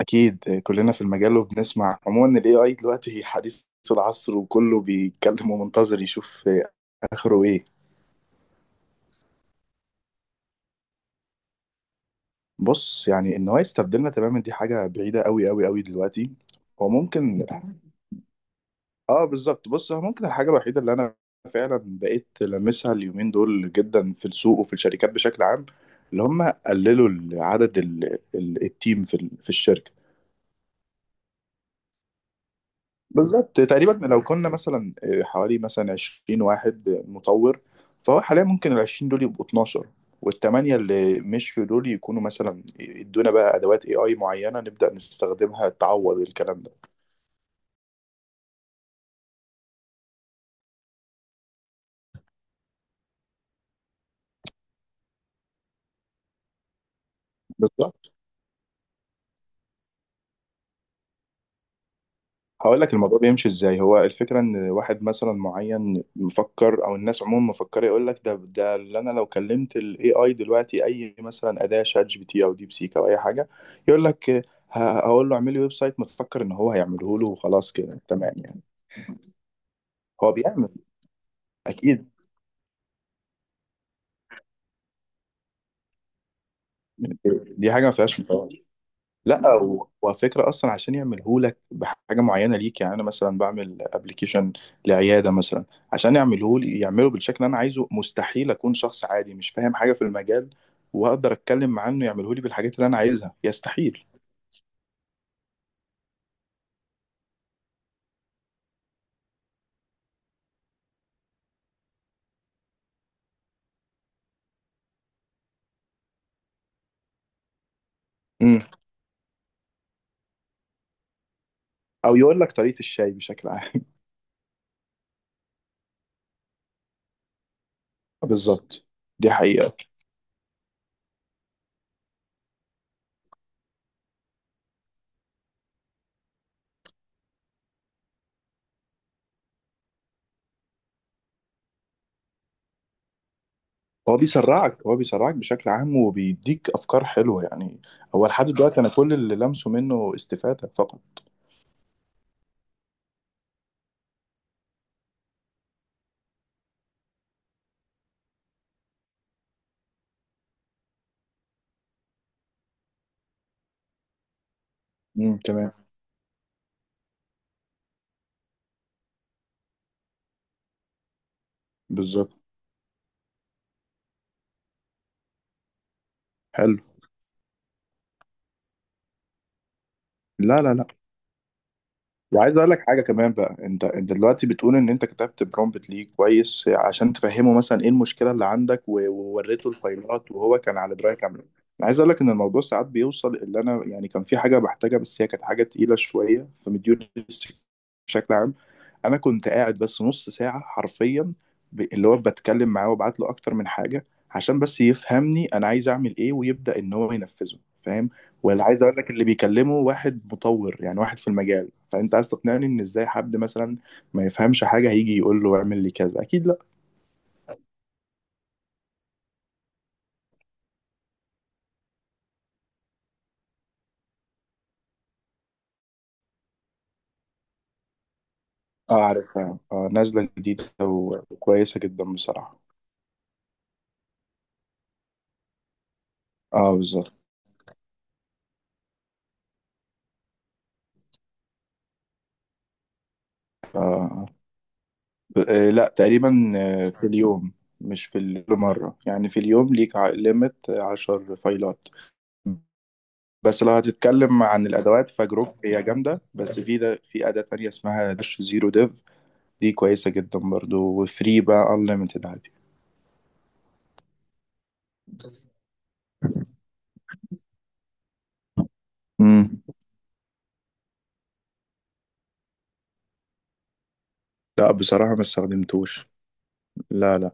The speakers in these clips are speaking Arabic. اكيد كلنا في المجال وبنسمع. عموما الاي اي دلوقتي حديث العصر، وكله بيتكلم ومنتظر يشوف اخره ايه. بص، يعني ان هو يستبدلنا تماما دي حاجه بعيده قوي قوي قوي دلوقتي. هو ممكن. اه بالظبط، بص هو ممكن. الحاجه الوحيده اللي انا فعلا بقيت لمسها اليومين دول جدا في السوق وفي الشركات بشكل عام، اللي هم قللوا عدد التيم في الشركه. بالظبط تقريبا، لو كنا مثلا حوالي مثلا 20 واحد مطور، فهو حاليا ممكن ال 20 دول يبقوا 12، والثمانية اللي مشيوا دول يكونوا مثلا يدونا بقى أدوات AI معينة نبدأ نستخدمها تعوض الكلام ده. بالظبط. هقول لك الموضوع بيمشي ازاي. هو الفكره ان واحد مثلا معين مفكر او الناس عموما مفكره، يقول لك ده اللي انا لو كلمت الاي اي دلوقتي، اي مثلا اداه شات جي بي تي او ديب سيك او اي حاجه، يقول لك. هقول له اعمل لي ويب سايت، مفكر ان هو هيعمله له وخلاص كده تمام يعني. هو بيعمل اكيد. دي حاجه ما فيهاش نقاش. لا، وفكرة اصلا عشان يعملهولك بحاجه معينه ليك، يعني انا مثلا بعمل ابلكيشن لعياده مثلا. عشان يعمله لي يعمله بالشكل اللي انا عايزه، مستحيل اكون شخص عادي مش فاهم حاجه في المجال واقدر اتكلم معاه انه يعمله لي بالحاجات اللي انا عايزها، يستحيل. امم او يقول لك طريقه الشاي بشكل عام. بالظبط. دي حقيقه. هو بيسرعك بشكل عام وبيديك افكار حلوه يعني. هو لحد دلوقتي انا كل اللي لمسه منه استفاده فقط. تمام. بالظبط. حلو. لا لا لا. وعايز اقول لك حاجه كمان بقى. انت دلوقتي بتقول ان انت كتبت برومبت ليه كويس عشان تفهمه مثلا ايه المشكله اللي عندك، ووريته الفايلات وهو كان على درايه كامله. انا عايز اقول لك ان الموضوع ساعات بيوصل اللي انا يعني كان في حاجه بحتاجها، بس هي كانت حاجه تقيله شويه في مديول بشكل عام. انا كنت قاعد بس نص ساعه حرفيا، اللي هو بتكلم معاه وابعت له اكتر من حاجه عشان بس يفهمني انا عايز اعمل ايه ويبدا ان هو ينفذه، فاهم؟ ولا عايز اقول لك، اللي بيكلمه واحد مطور يعني واحد في المجال، فانت عايز تقنعني ان ازاي حد مثلا ما يفهمش حاجه هيجي يقول له اعمل لي كذا؟ اكيد لا. اه عارفها. اه نازله جديده وكويسه جدا بصراحه. اه بالظبط. آه. لا تقريبا، في اليوم. مش في اليوم مرة، يعني في اليوم ليك ليميت 10 فايلات. بس لو هتتكلم عن الادوات فجروب هي جامده، بس في اداه تانية اسمها داش زيرو ديف. دي كويسه جدا برضو وفري بقى انليمتد عادي. امم. لا بصراحه ما استخدمتوش. لا لا.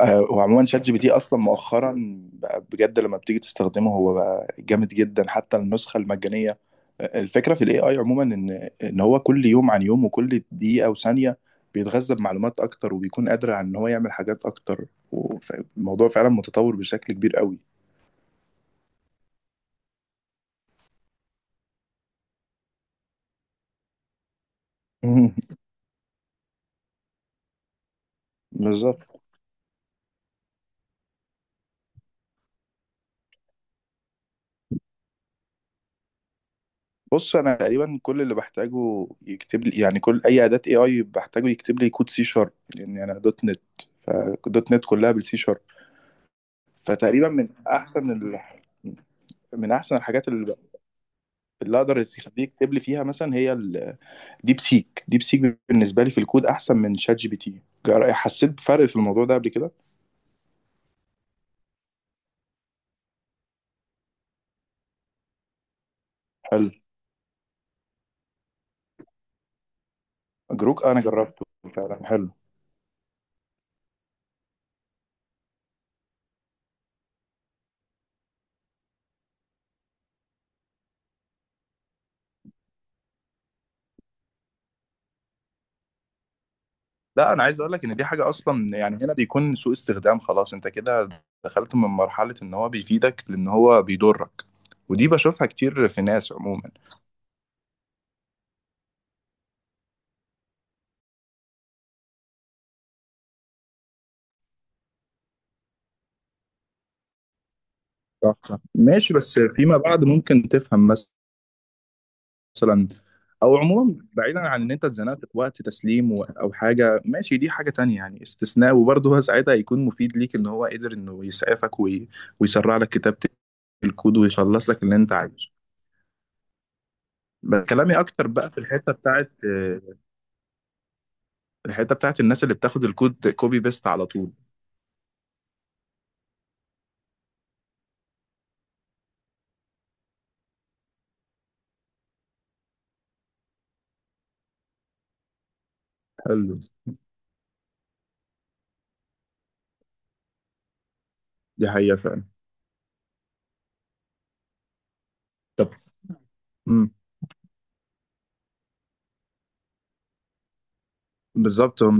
وعموما شات جي بي تي اصلا مؤخرا بقى بجد، لما بتيجي تستخدمه هو بقى جامد جدا حتى النسخه المجانيه. الفكره في الاي اي عموما ان هو كل يوم عن يوم، وكل دقيقه وثانيه بيتغذى بمعلومات اكتر وبيكون قادر على ان هو يعمل حاجات اكتر. والموضوع فعلا متطور بشكل كبير قوي. مم. بالظبط. بص، انا تقريبا كل اللي بحتاجه يكتب لي، يعني كل اي اداه اي اي بحتاجه يكتب لي كود سي شارب لان انا دوت نت، فدوت نت كلها بالسي شارب. فتقريبا من احسن من احسن الحاجات اللي اقدر يخليك تكتب لي فيها مثلا هي الديب سيك ديب سيك بالنسبه لي في الكود احسن من شات جي بي تي. حسيت بفرق في الموضوع ده قبل كده. حلو. جروك انا جربته، فعلا حلو. لا، انا عايز اقول لك ان دي حاجه اصلا، يعني هنا بيكون سوء استخدام. خلاص انت كده دخلت من مرحله ان هو بيفيدك لان هو بيضرك. ودي بشوفها كتير في ناس عموما. صح صح. ماشي، بس فيما بعد ممكن تفهم مثلا. مثلا. او عموما بعيدا عن ان انت اتزنقت في وقت تسليم او حاجه، ماشي دي حاجه تانية يعني استثناء، وبرضه هو ساعتها هيكون مفيد ليك ان هو قدر انه يسعفك ويسرع لك كتابه الكود ويخلص لك اللي انت عايزه. بس كلامي اكتر بقى في الحته بتاعت الناس اللي بتاخد الكود كوبي بيست على طول. حلو. دي حقيقه فعلا. طب. مم. بالظبط. هم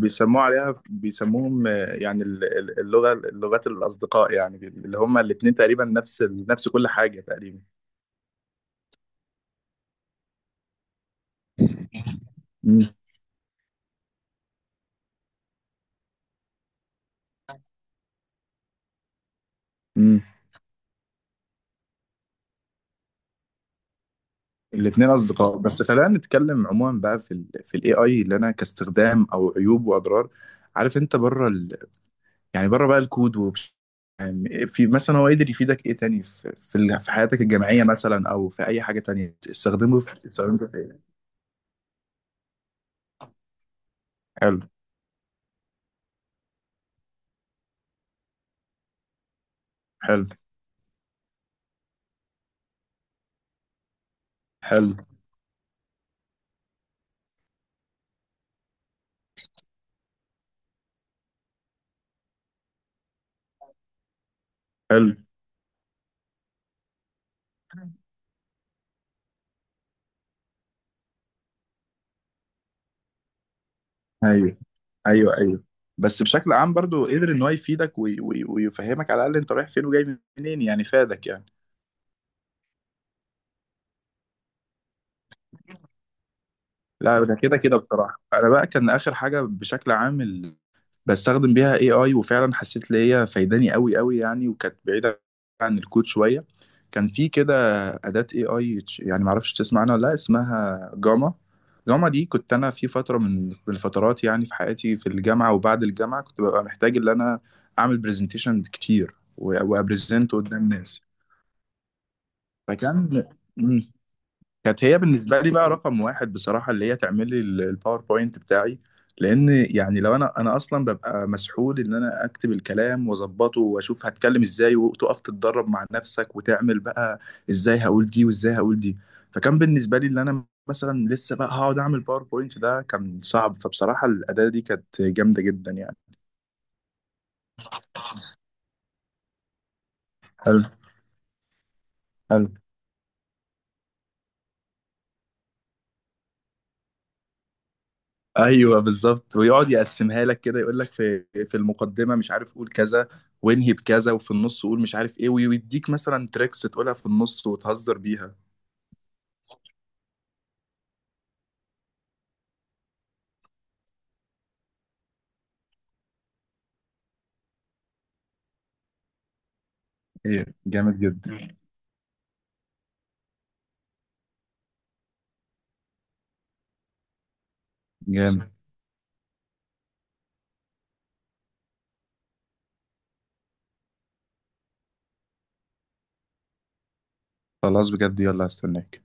بيسموه عليها بيسموهم، يعني ال- ال- اللغة اللغات الأصدقاء، يعني اللي هم الاتنين تقريبا نفس كل حاجة تقريبا. امم. امم. الاتنين أصدقاء، بس خلينا نتكلم عموما بقى في الاي اي، اللي أنا كاستخدام أو عيوب وأضرار. عارف، أنت بره ال يعني بره بقى الكود، يعني في، مثلا هو قدر يفيدك ايه تاني في حياتك الجامعية مثلا، أو في أي حاجة تانية استخدمه في ايه؟ حلو حلو حلو حلو. ايوه ايوه ايوه. بس بشكل عام برضو قدر ان هو يفيدك ويفهمك على الاقل انت رايح فين وجاي منين، يعني فادك يعني. لا ده كده كده، بصراحة أنا بقى كان آخر حاجة بشكل عام بستخدم بيها اي اي، وفعلا حسيت ان هي فايداني قوي قوي يعني، وكانت بعيدة عن الكود شوية. كان في كده أداة اي اي، يعني معرفش تسمع عنها ولا لا، اسمها جاما. جاما دي كنت أنا في فترة من الفترات يعني، في حياتي في الجامعة وبعد الجامعة كنت ببقى محتاج إن أنا أعمل برزنتيشن كتير وأبرزنت قدام ناس. فكان. مم. كانت هي بالنسبه لي بقى رقم واحد بصراحه، اللي هي تعمل لي الباوربوينت بتاعي. لان يعني لو انا اصلا ببقى مسحول ان انا اكتب الكلام واظبطه واشوف هتكلم ازاي وتقف تتدرب مع نفسك وتعمل بقى ازاي هقول دي وازاي هقول دي. فكان بالنسبه لي ان انا مثلا لسه بقى هقعد اعمل باوربوينت، ده كان صعب، فبصراحه الاداه دي كانت جامده جدا يعني. حلو حلو. ايوه بالظبط، ويقعد يقسمها لك كده، يقول لك في المقدمه مش عارف قول كذا، وانهي بكذا، وفي النص قول مش عارف ايه، ويديك مثلا تريكس تقولها في النص وتهزر بيها. ايه جامد جدا. جامد خلاص بجد، يلا استناك.